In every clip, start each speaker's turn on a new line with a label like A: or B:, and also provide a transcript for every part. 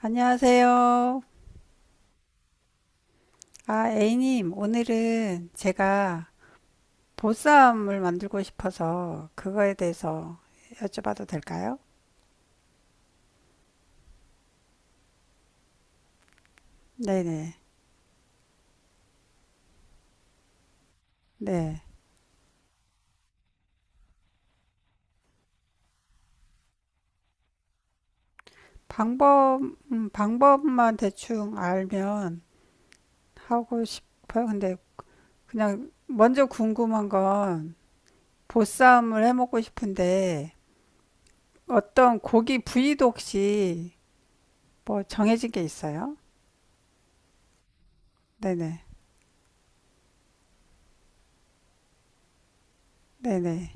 A: 안녕하세요. 아, A님, 오늘은 제가 보쌈을 만들고 싶어서 그거에 대해서 여쭤봐도 될까요? 네네. 네. 방법, 방법만 대충 알면 하고 싶어요. 근데 그냥 먼저 궁금한 건 보쌈을 해 먹고 싶은데 어떤 고기 부위도 혹시 뭐 정해진 게 있어요? 네네. 네네.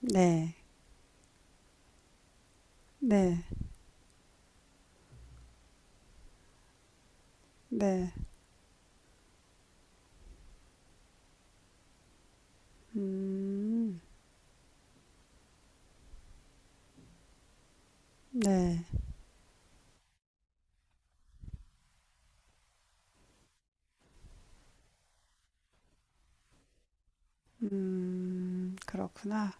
A: 네. 네. 네. 음. 네. 그렇구나.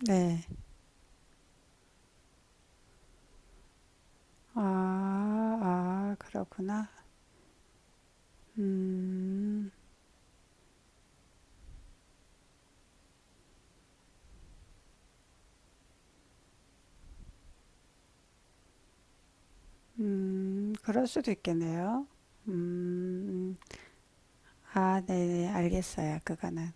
A: 네. 아, 아, 그렇구나. 음, 그럴 수도 있겠네요. 음, 아, 네네, 알겠어요. 그거는.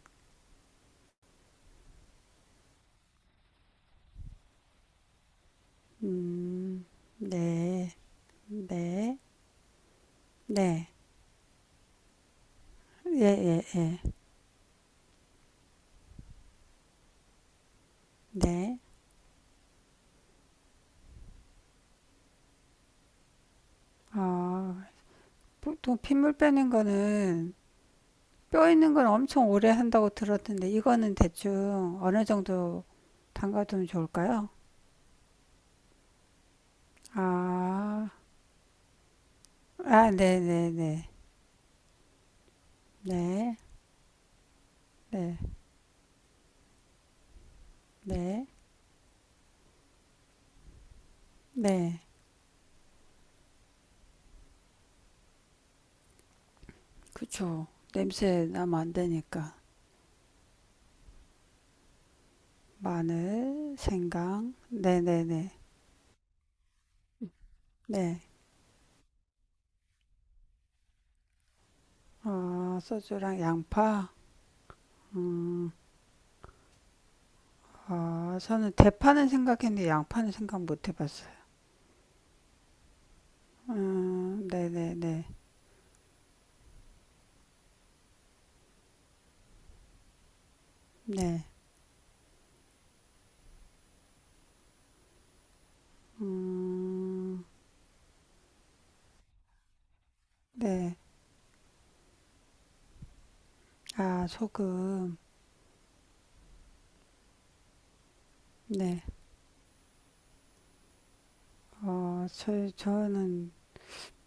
A: 음, 네, 네, 네. 예, 예, 예. 네. 어, 보통 핏물 빼는 거는 뼈 있는 건 엄청 오래 한다고 들었는데 이거는 대충 어느 정도 담가두면 좋을까요? 아, 아, 네네네. 네, 네, 네, 네. 네, 네. 그쵸. 냄새 나면 안 되니까. 마늘, 생강, 네네네. 네. 어, 소주랑 양파. 음, 어, 저는 대파는 생각했는데 양파는 생각 못 해봤어요. 네네네. 네. 네. 네. 음, 네. 아, 소금. 네. 어, 저는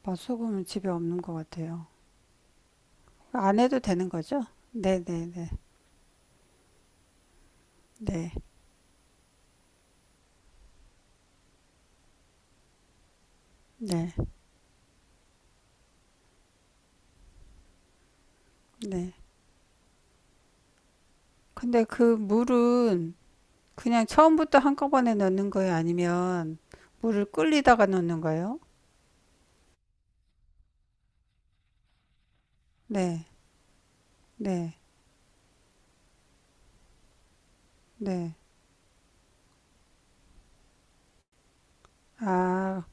A: 맛소금은 집에 없는 것 같아요. 안 해도 되는 거죠? 네네네. 네, 네, 네. 근데 그 물은 그냥 처음부터 한꺼번에 넣는 거예요? 아니면 물을 끓이다가 넣는 거예요? 네, 네, 네. 아,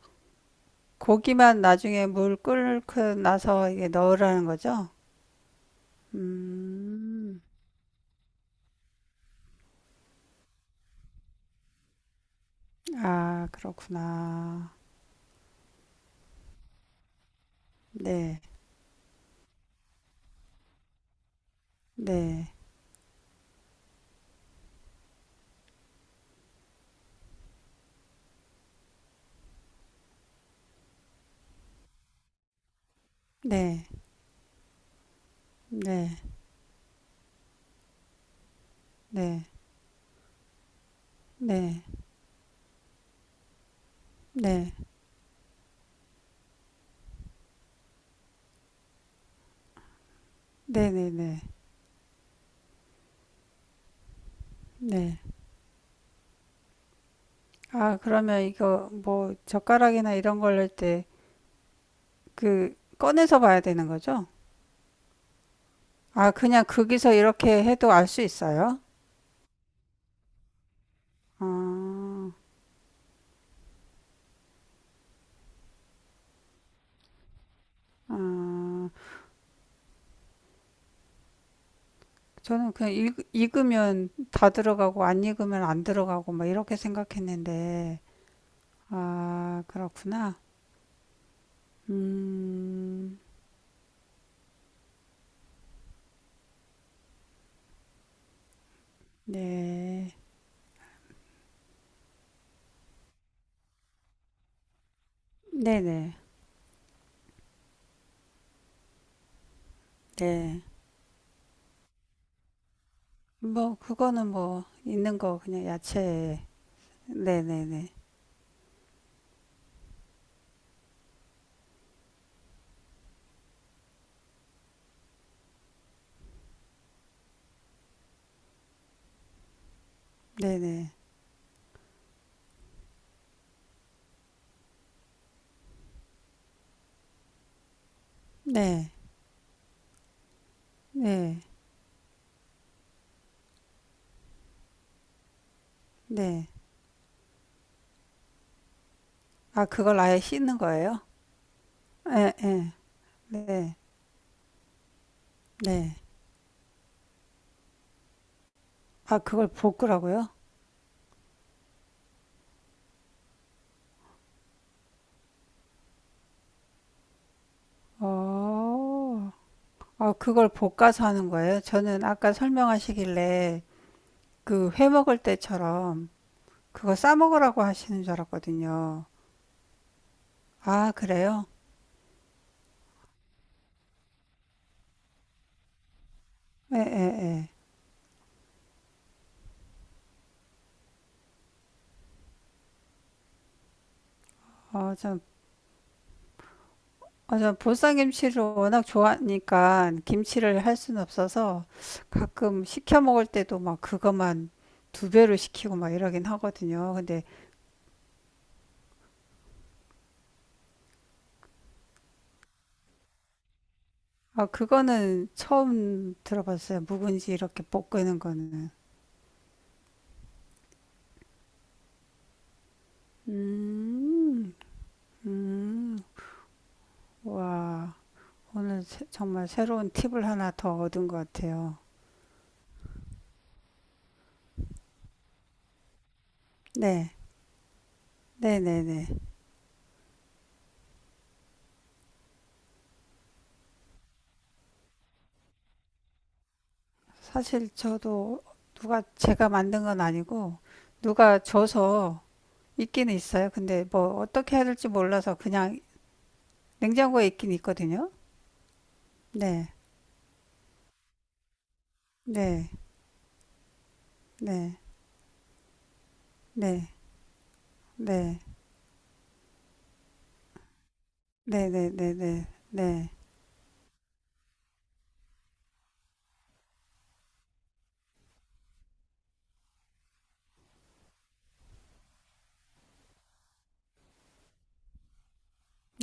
A: 고기만 나중에 물 끓고 나서 이게 넣으라는 거죠? 음, 아, 그렇구나. 네, 네, 네, 네, 네, 네, 네, 네, 네, 네, 네. 아, 그러면 이거 뭐 젓가락이나 이런 걸 넣을 때 그 꺼내서 봐야 되는 거죠? 아, 그냥 거기서 이렇게 해도 알 수 있어요? 아, 아, 저는 그냥 읽으면 다 들어가고 안 읽으면 안 들어가고 막 이렇게 생각했는데, 아, 그렇구나. 음, 네, 네네, 네. 뭐 그거는 뭐 있는 거 그냥 야채, 네네네, 네네, 네, 네, 네. 아, 그걸 아예 씻는 거예요? 예, 예, 네. 네. 아, 그걸 볶으라고요? 어, 아, 그걸 볶아서 하는 거예요? 저는 아까 설명하시길래 그 회 먹을 때처럼 그거 싸 먹으라고 하시는 줄 알았거든요. 아, 그래요? 예, 예, 예. 어, 전 보쌈김치를 워낙 좋아하니까 김치를 할 수는 없어서 가끔 시켜 먹을 때도 막 그것만 두 배로 시키고 막 이러긴 하거든요. 근데, 아, 그거는 처음 들어봤어요. 묵은지 이렇게 볶는 거는. 음, 음, 와, 오늘 정말 새로운 팁을 하나 더 얻은 것 같아요. 네, 네네네. 사실 저도 누가 제가 만든 건 아니고, 누가 줘서 있기는 있어요. 근데 뭐 어떻게 해야 될지 몰라서 그냥 냉장고에 있긴 있거든요. 네, 네, 네, 네, 네, 네, 네, 네, 네, 네,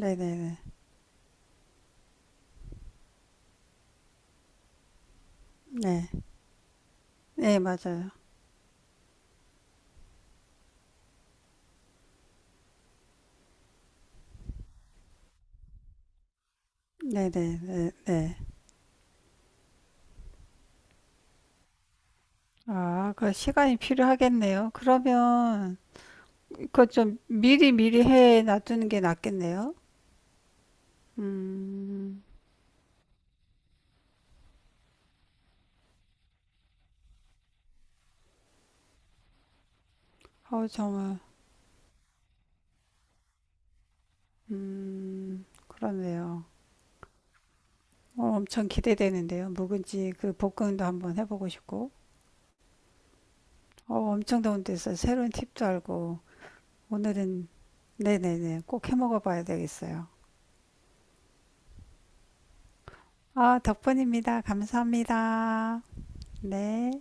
A: 네, 네, 네, 네, 네, 맞아요. 네, 네, 네. 아, 그 시간이 필요하겠네요. 그러면 그거 좀 미리 미리 해 놔두는 게 낫겠네요. 음, 어우 정말, 그러네요. 어, 엄청 기대되는데요. 묵은지 그 볶음도 한번 해보고 싶고, 어, 엄청 다운데서 새로운 팁도 알고, 오늘은 네네네 꼭 해 먹어봐야 되겠어요. 아, 덕분입니다. 감사합니다. 네.